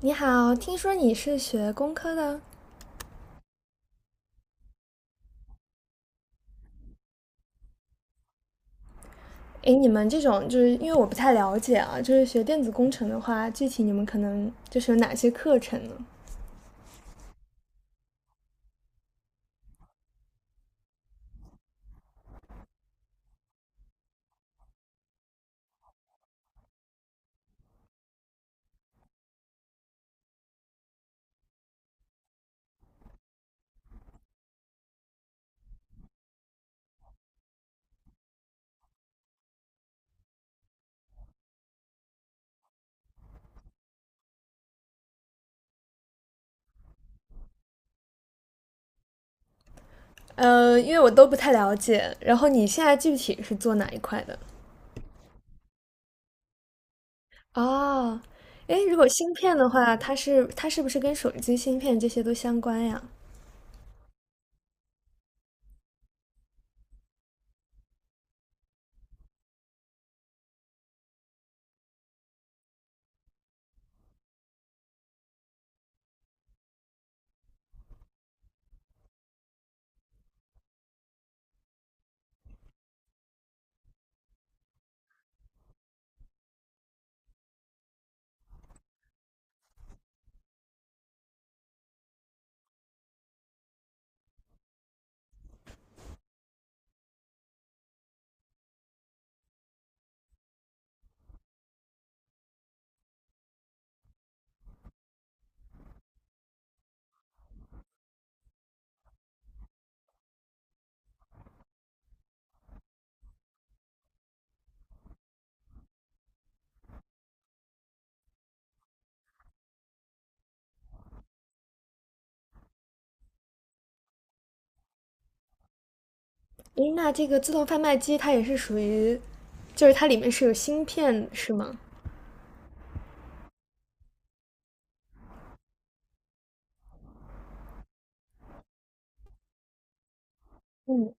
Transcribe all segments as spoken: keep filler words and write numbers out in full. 你好，听说你是学工科的？诶，你们这种就是因为我不太了解啊，就是学电子工程的话，具体你们可能就是有哪些课程呢？呃，因为我都不太了解。然后你现在具体是做哪一块的？哦，诶，如果芯片的话，它是它是不是跟手机芯片这些都相关呀？诶，那这个自动贩卖机它也是属于，就是它里面是有芯片是吗？嗯，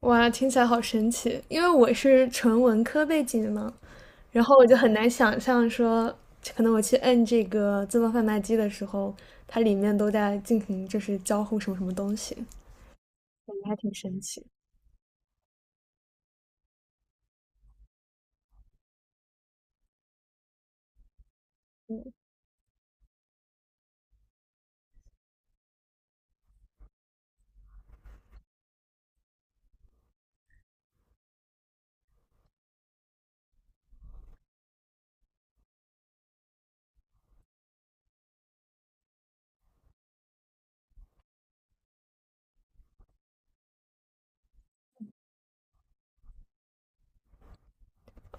哇，听起来好神奇！因为我是纯文科背景的嘛，然后我就很难想象说，可能我去摁这个自动贩卖机的时候，它里面都在进行就是交互什么什么东西。感觉还挺神奇。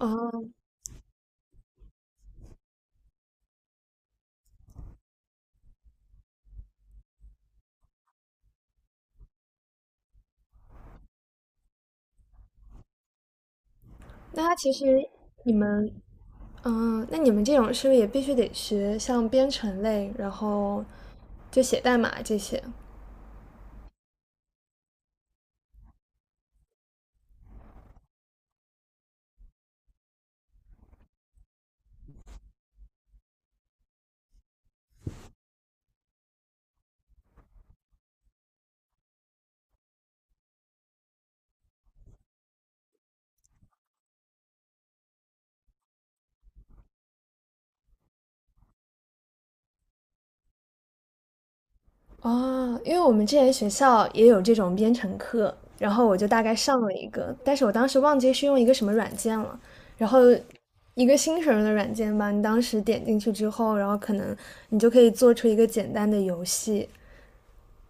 哦，那它其实你们，嗯，那你们这种是不是也必须得学像编程类，然后就写代码这些？哦，因为我们之前学校也有这种编程课，然后我就大概上了一个，但是我当时忘记是用一个什么软件了，然后一个新手用的软件吧，你当时点进去之后，然后可能你就可以做出一个简单的游戏，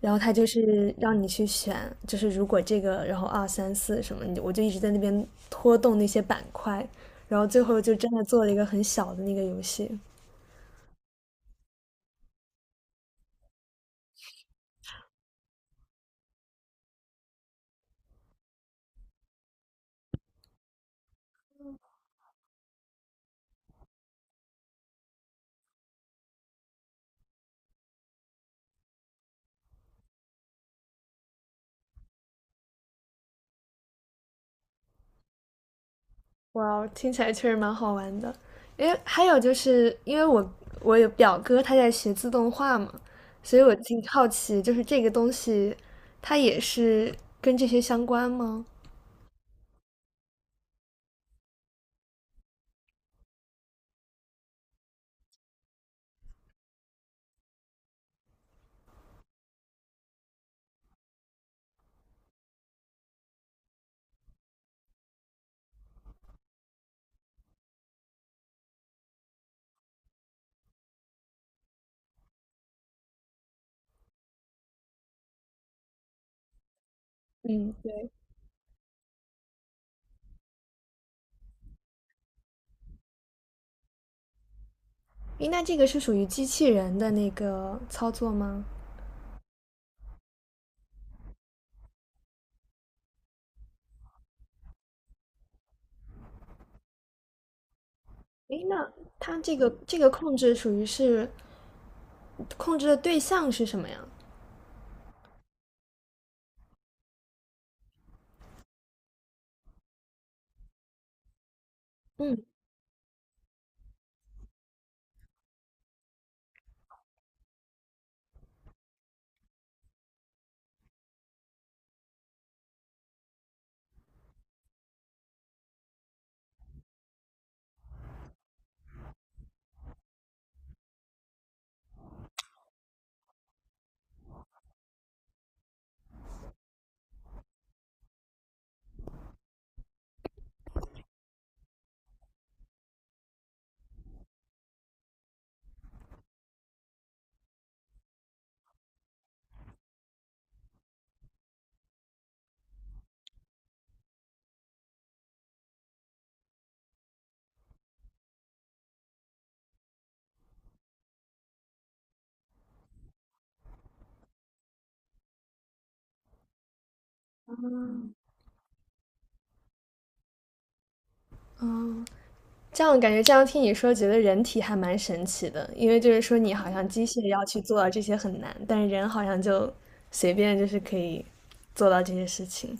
然后它就是让你去选，就是如果这个，然后二三四什么，你就我就一直在那边拖动那些板块，然后最后就真的做了一个很小的那个游戏。哇哦听起来确实蛮好玩的。因为还有就是因为我我有表哥他在学自动化嘛，所以我挺好奇，就是这个东西它也是跟这些相关吗？嗯，对。诶，那这个是属于机器人的那个操作吗？诶，那它这个这个控制属于是控制的对象是什么呀？嗯这样感觉这样听你说，觉得人体还蛮神奇的，因为就是说你好像机械要去做到这些很难，但是人好像就随便就是可以做到这些事情。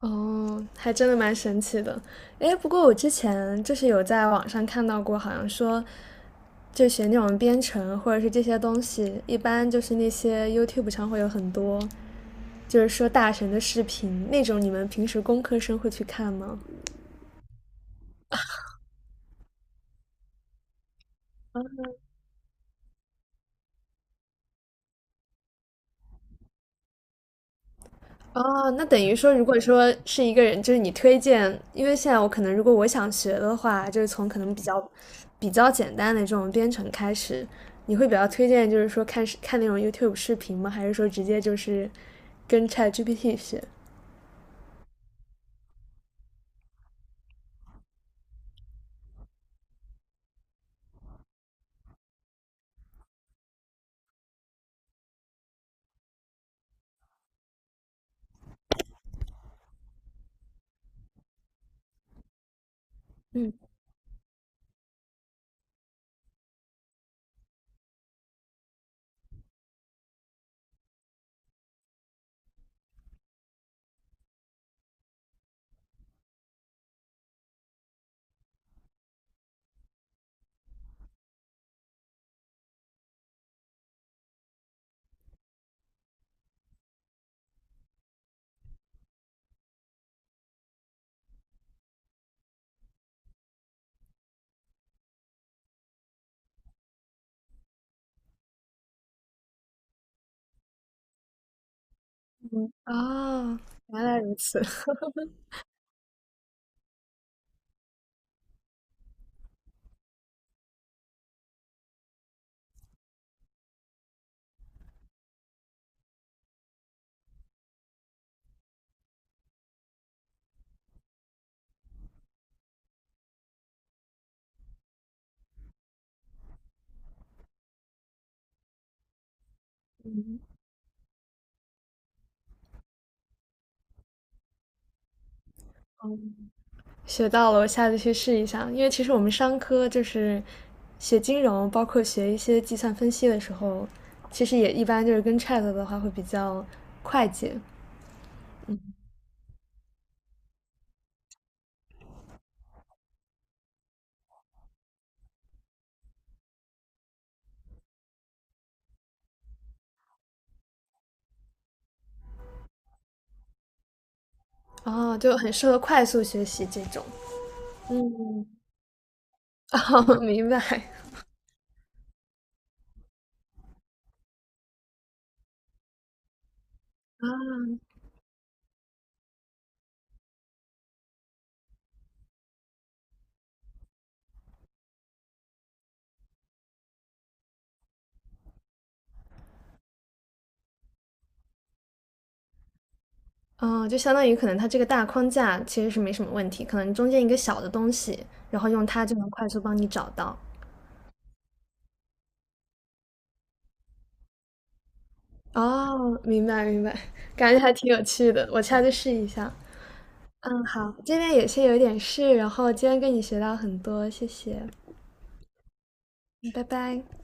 哦，还真的蛮神奇的。诶，不过我之前就是有在网上看到过，好像说就学那种编程或者是这些东西，一般就是那些 YouTube 上会有很多，就是说大神的视频那种，你们平时工科生会去看吗？哦，那等于说，如果说是一个人，就是你推荐，因为现在我可能如果我想学的话，就是从可能比较比较简单的这种编程开始，你会比较推荐，就是说看视看那种 YouTube 视频吗？还是说直接就是跟 ChatGPT 学？嗯，哦，原来如此，学到了，我下次去试一下。因为其实我们商科就是学金融，包括学一些计算分析的时候，其实也一般就是跟 Chat 的话会比较快捷。哦，就很适合快速学习这种。哦，明白。哦，就相当于可能它这个大框架其实是没什么问题，可能中间一个小的东西，然后用它就能快速帮你找到。哦，明白明白，感觉还挺有趣的，我下次试一下。嗯，好，这边有些有点事，然后今天跟你学到很多，谢谢，嗯拜拜。